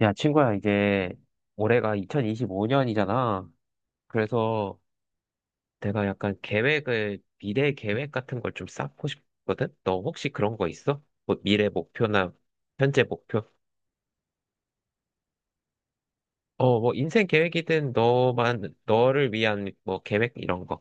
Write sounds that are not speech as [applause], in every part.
야, 친구야, 이제 올해가 2025년이잖아. 그래서 내가 약간 계획을, 미래 계획 같은 걸 좀 쌓고 싶거든? 너 혹시 그런 거 있어? 뭐 미래 목표나 현재 목표? 어, 뭐 인생 계획이든 너만, 너를 위한 뭐 계획 이런 거.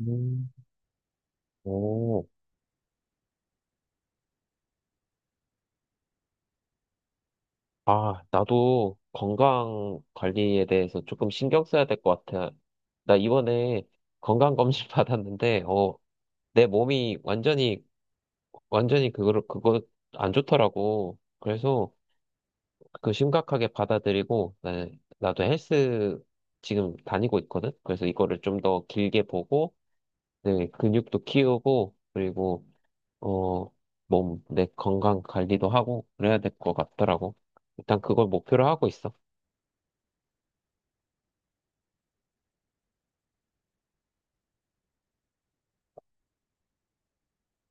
음. 오, 아, 나도 건강 관리에 대해서 조금 신경 써야 될 것 같아. 나 이번에 건강 검진 [laughs] 받았는데, 어, 내 몸이 완전히 완전히 그거 안 좋더라고. 그래서 그 심각하게 받아들이고 나도 헬스 지금 다니고 있거든. 그래서 이거를 좀 더 길게 보고 내 근육도 키우고 그리고 어, 몸, 내 건강 관리도 하고 그래야 될 것 같더라고. 일단 그걸 목표로 하고 있어.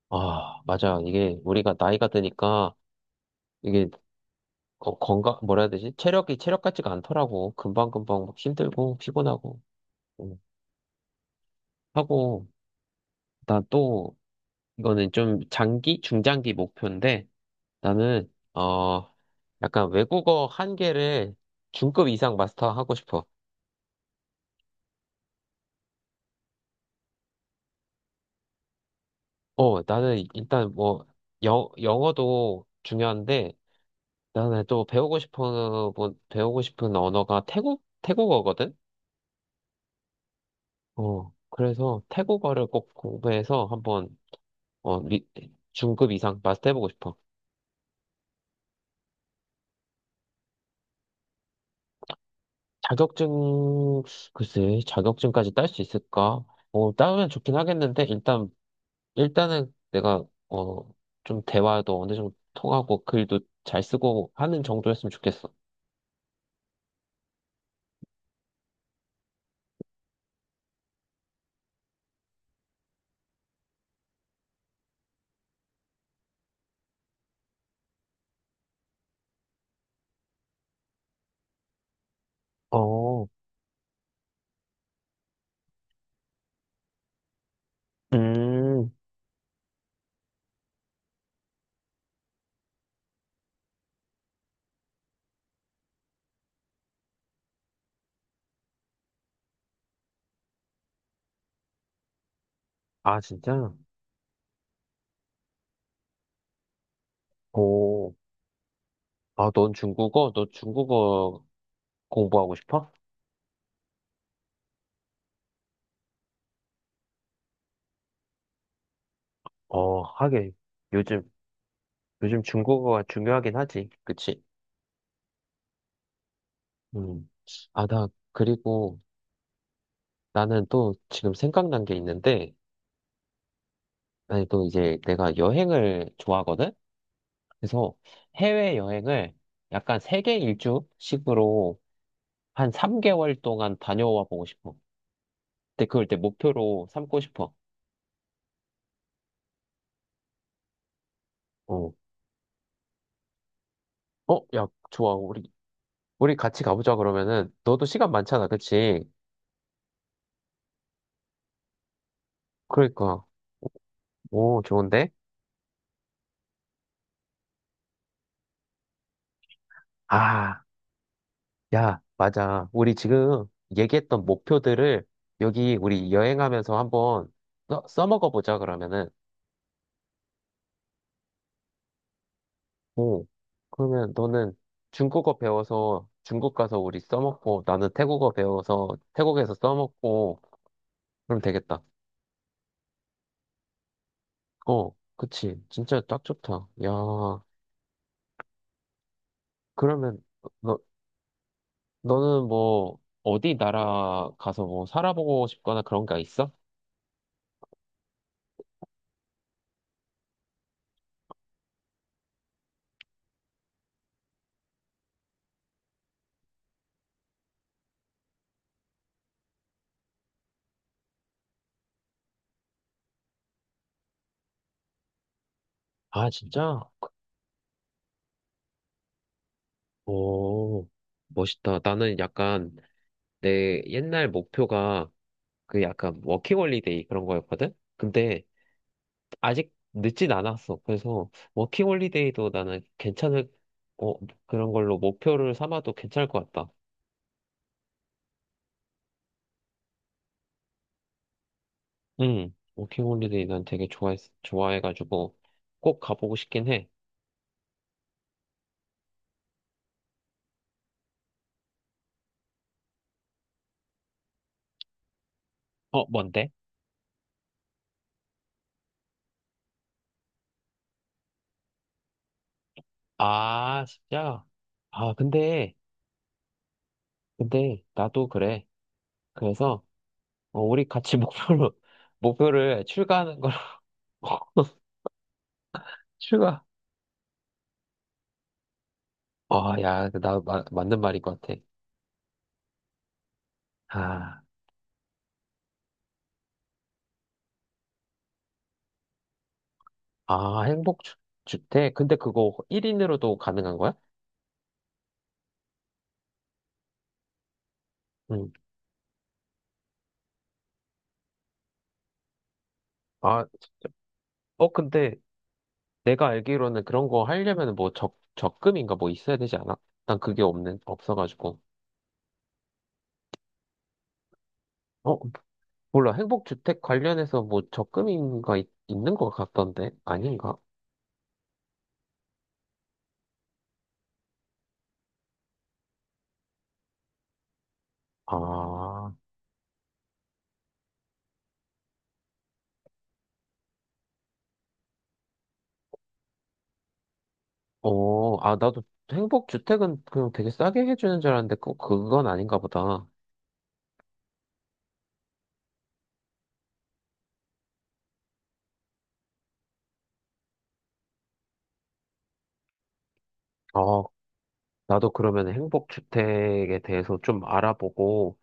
아, 맞아. 이게 우리가 나이가 드니까 이게 어, 건강 뭐라 해야 되지? 체력 같지가 않더라고. 금방금방 막 힘들고 피곤하고 음, 하고 나또 이거는 좀 장기, 중장기 목표인데 나는 어 약간 외국어 한 개를 중급 이상 마스터하고 싶어. 어 나는 일단 뭐 영어도 중요한데 나는 또 배우고 싶은 뭐, 배우고 싶은 언어가 태국어거든. 어 그래서 태국어를 꼭 공부해서 한번 어 중급 이상 마스터해보고 싶어. 자격증 글쎄 자격증까지 딸 수 있을까? 어 따면 좋긴 하겠는데 일단 일단은 내가 어 좀 대화도 어느 정도 통하고 글도 잘 쓰고 하는 정도였으면 좋겠어. 어, 음, 아, 진짜? 오, 아, 넌 중국어? 너 중국어 공부하고 싶어? 어, 하긴, 요즘, 요즘 중국어가 중요하긴 하지. 그치? 음. 아, 나, 그리고 나는 또 지금 생각난 게 있는데, 아니, 또 이제 내가 여행을 좋아하거든? 그래서 해외여행을 약간 세계 일주식으로 한 3개월 동안 다녀와 보고 싶어. 근데 그걸 내 목표로 삼고 싶어. 어, 어, 야, 좋아. 우리 같이 가보자, 그러면은. 너도 시간 많잖아, 그치? 그러니까. 오, 좋은데? 아, 야, 맞아. 우리 지금 얘기했던 목표들을 여기 우리 여행하면서 한번 써먹어 보자, 그러면은. 오, 그러면 너는 중국어 배워서 중국 가서 우리 써먹고, 나는 태국어 배워서 태국에서 써먹고, 그럼 되겠다. 어, 그치. 진짜 딱 좋다. 야, 그러면, 너, 너는 뭐, 어디 나라 가서 뭐, 살아보고 싶거나 그런 게 있어? 아, 진짜? 오, 멋있다. 나는 약간, 내 옛날 목표가, 그 약간, 워킹홀리데이 그런 거였거든? 근데, 아직 늦진 않았어. 그래서, 워킹홀리데이도 나는 괜찮을, 어, 그런 걸로 목표를 삼아도 괜찮을 것 같다. 응, 워킹 홀리데이 난 되게 좋아해가지고 꼭 가보고 싶긴 해. 어, 뭔데? 아, 진짜? 아, 근데, 근데 나도 그래. 그래서 어, 우리 같이 [laughs] 목표로, 목표를 출가하는 걸로. [laughs] 출가. 아, 야, 그 나 맞는 말인 것 같아. 아, 아, 행복 주택? 근데 그거 1인으로도 가능한 거야? 응. 아, 진짜. 어, 근데 내가 알기로는 그런 거 하려면 뭐 적금인가 뭐 있어야 되지 않아? 난 그게 없어가지고. 어, 몰라. 행복주택 관련해서 뭐 적금인가 있, 는것 같던데? 아닌가? 아, 어, 아, 나도 행복주택은 그냥 되게 싸게 해주는 줄 알았는데 꼭 그건 아닌가 보다. 어, 나도 그러면 행복주택에 대해서 좀 알아보고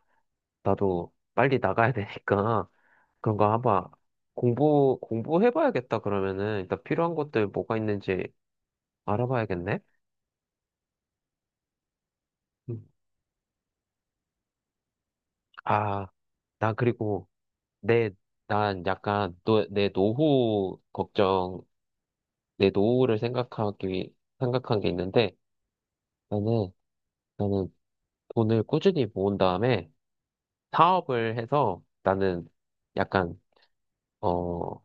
나도 빨리 나가야 되니까 그런 거 한번 공부해봐야겠다, 그러면은. 일단 필요한 것들 뭐가 있는지 알아봐야겠네. 음. 아, 나 그리고 내, 난 약간 노, 내 노후 걱정, 내 노후를 생각하기, 생각한 게 있는데, 나는, 나는 돈을 꾸준히 모은 다음에 사업을 해서 나는 약간, 어,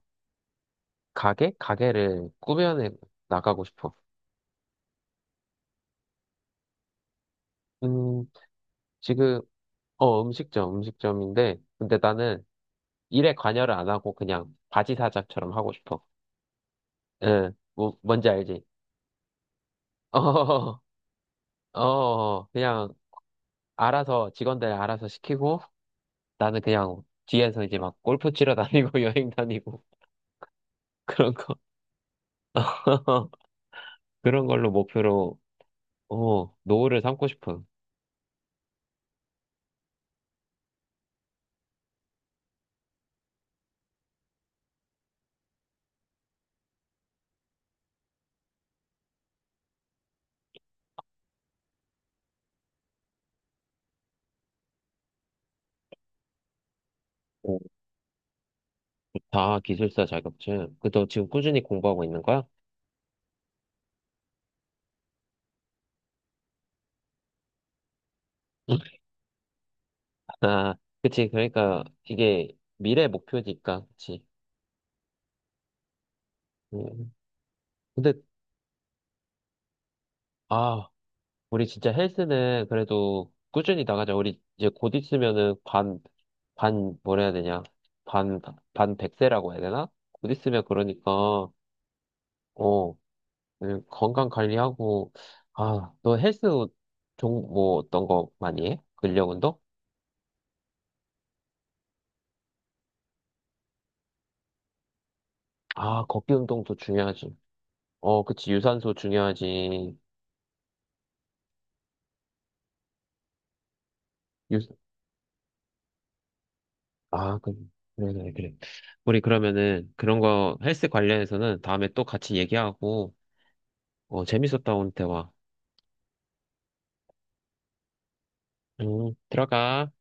가게? 가게를 꾸며내 나가고 싶어. 음, 지금, 어, 음식점인데, 근데 나는 일에 관여를 안 하고 그냥 바지사자처럼 하고 싶어. 응, 뭐, 뭔지 알지? [laughs] 어, 어, 그냥 알아서 직원들 알아서 시키고 나는 그냥 뒤에서 이제 막 골프 치러 다니고 [laughs] 여행 다니고 그런 거 [laughs] 그런 걸로 목표로 어, 노후를 삼고 싶은 오, 다 기술사 자격증. 그 너 지금 꾸준히 공부하고 있는 거야? [laughs] 아, 그치. 그러니까 이게 미래 목표니까, 그치. 음. 근데, 아, 우리 진짜 헬스는 그래도 꾸준히 나가자. 우리 이제 곧 있으면은 반, 반, 뭐라 해야 되냐. 반, 반 백세라고 해야 되나? 곧 있으면 그러니까, 어, 건강 관리하고, 아, 너 헬스 종, 뭐 어떤 거 많이 해? 근력 운동? 아, 걷기 운동도 중요하지. 어, 그치. 유산소 중요하지. 유, 아, 그래, 그래, 그래. 우리 그러면은 그런 거 헬스 관련해서는 다음에 또 같이 얘기하고, 어, 재밌었다, 오늘 대화. 들어가.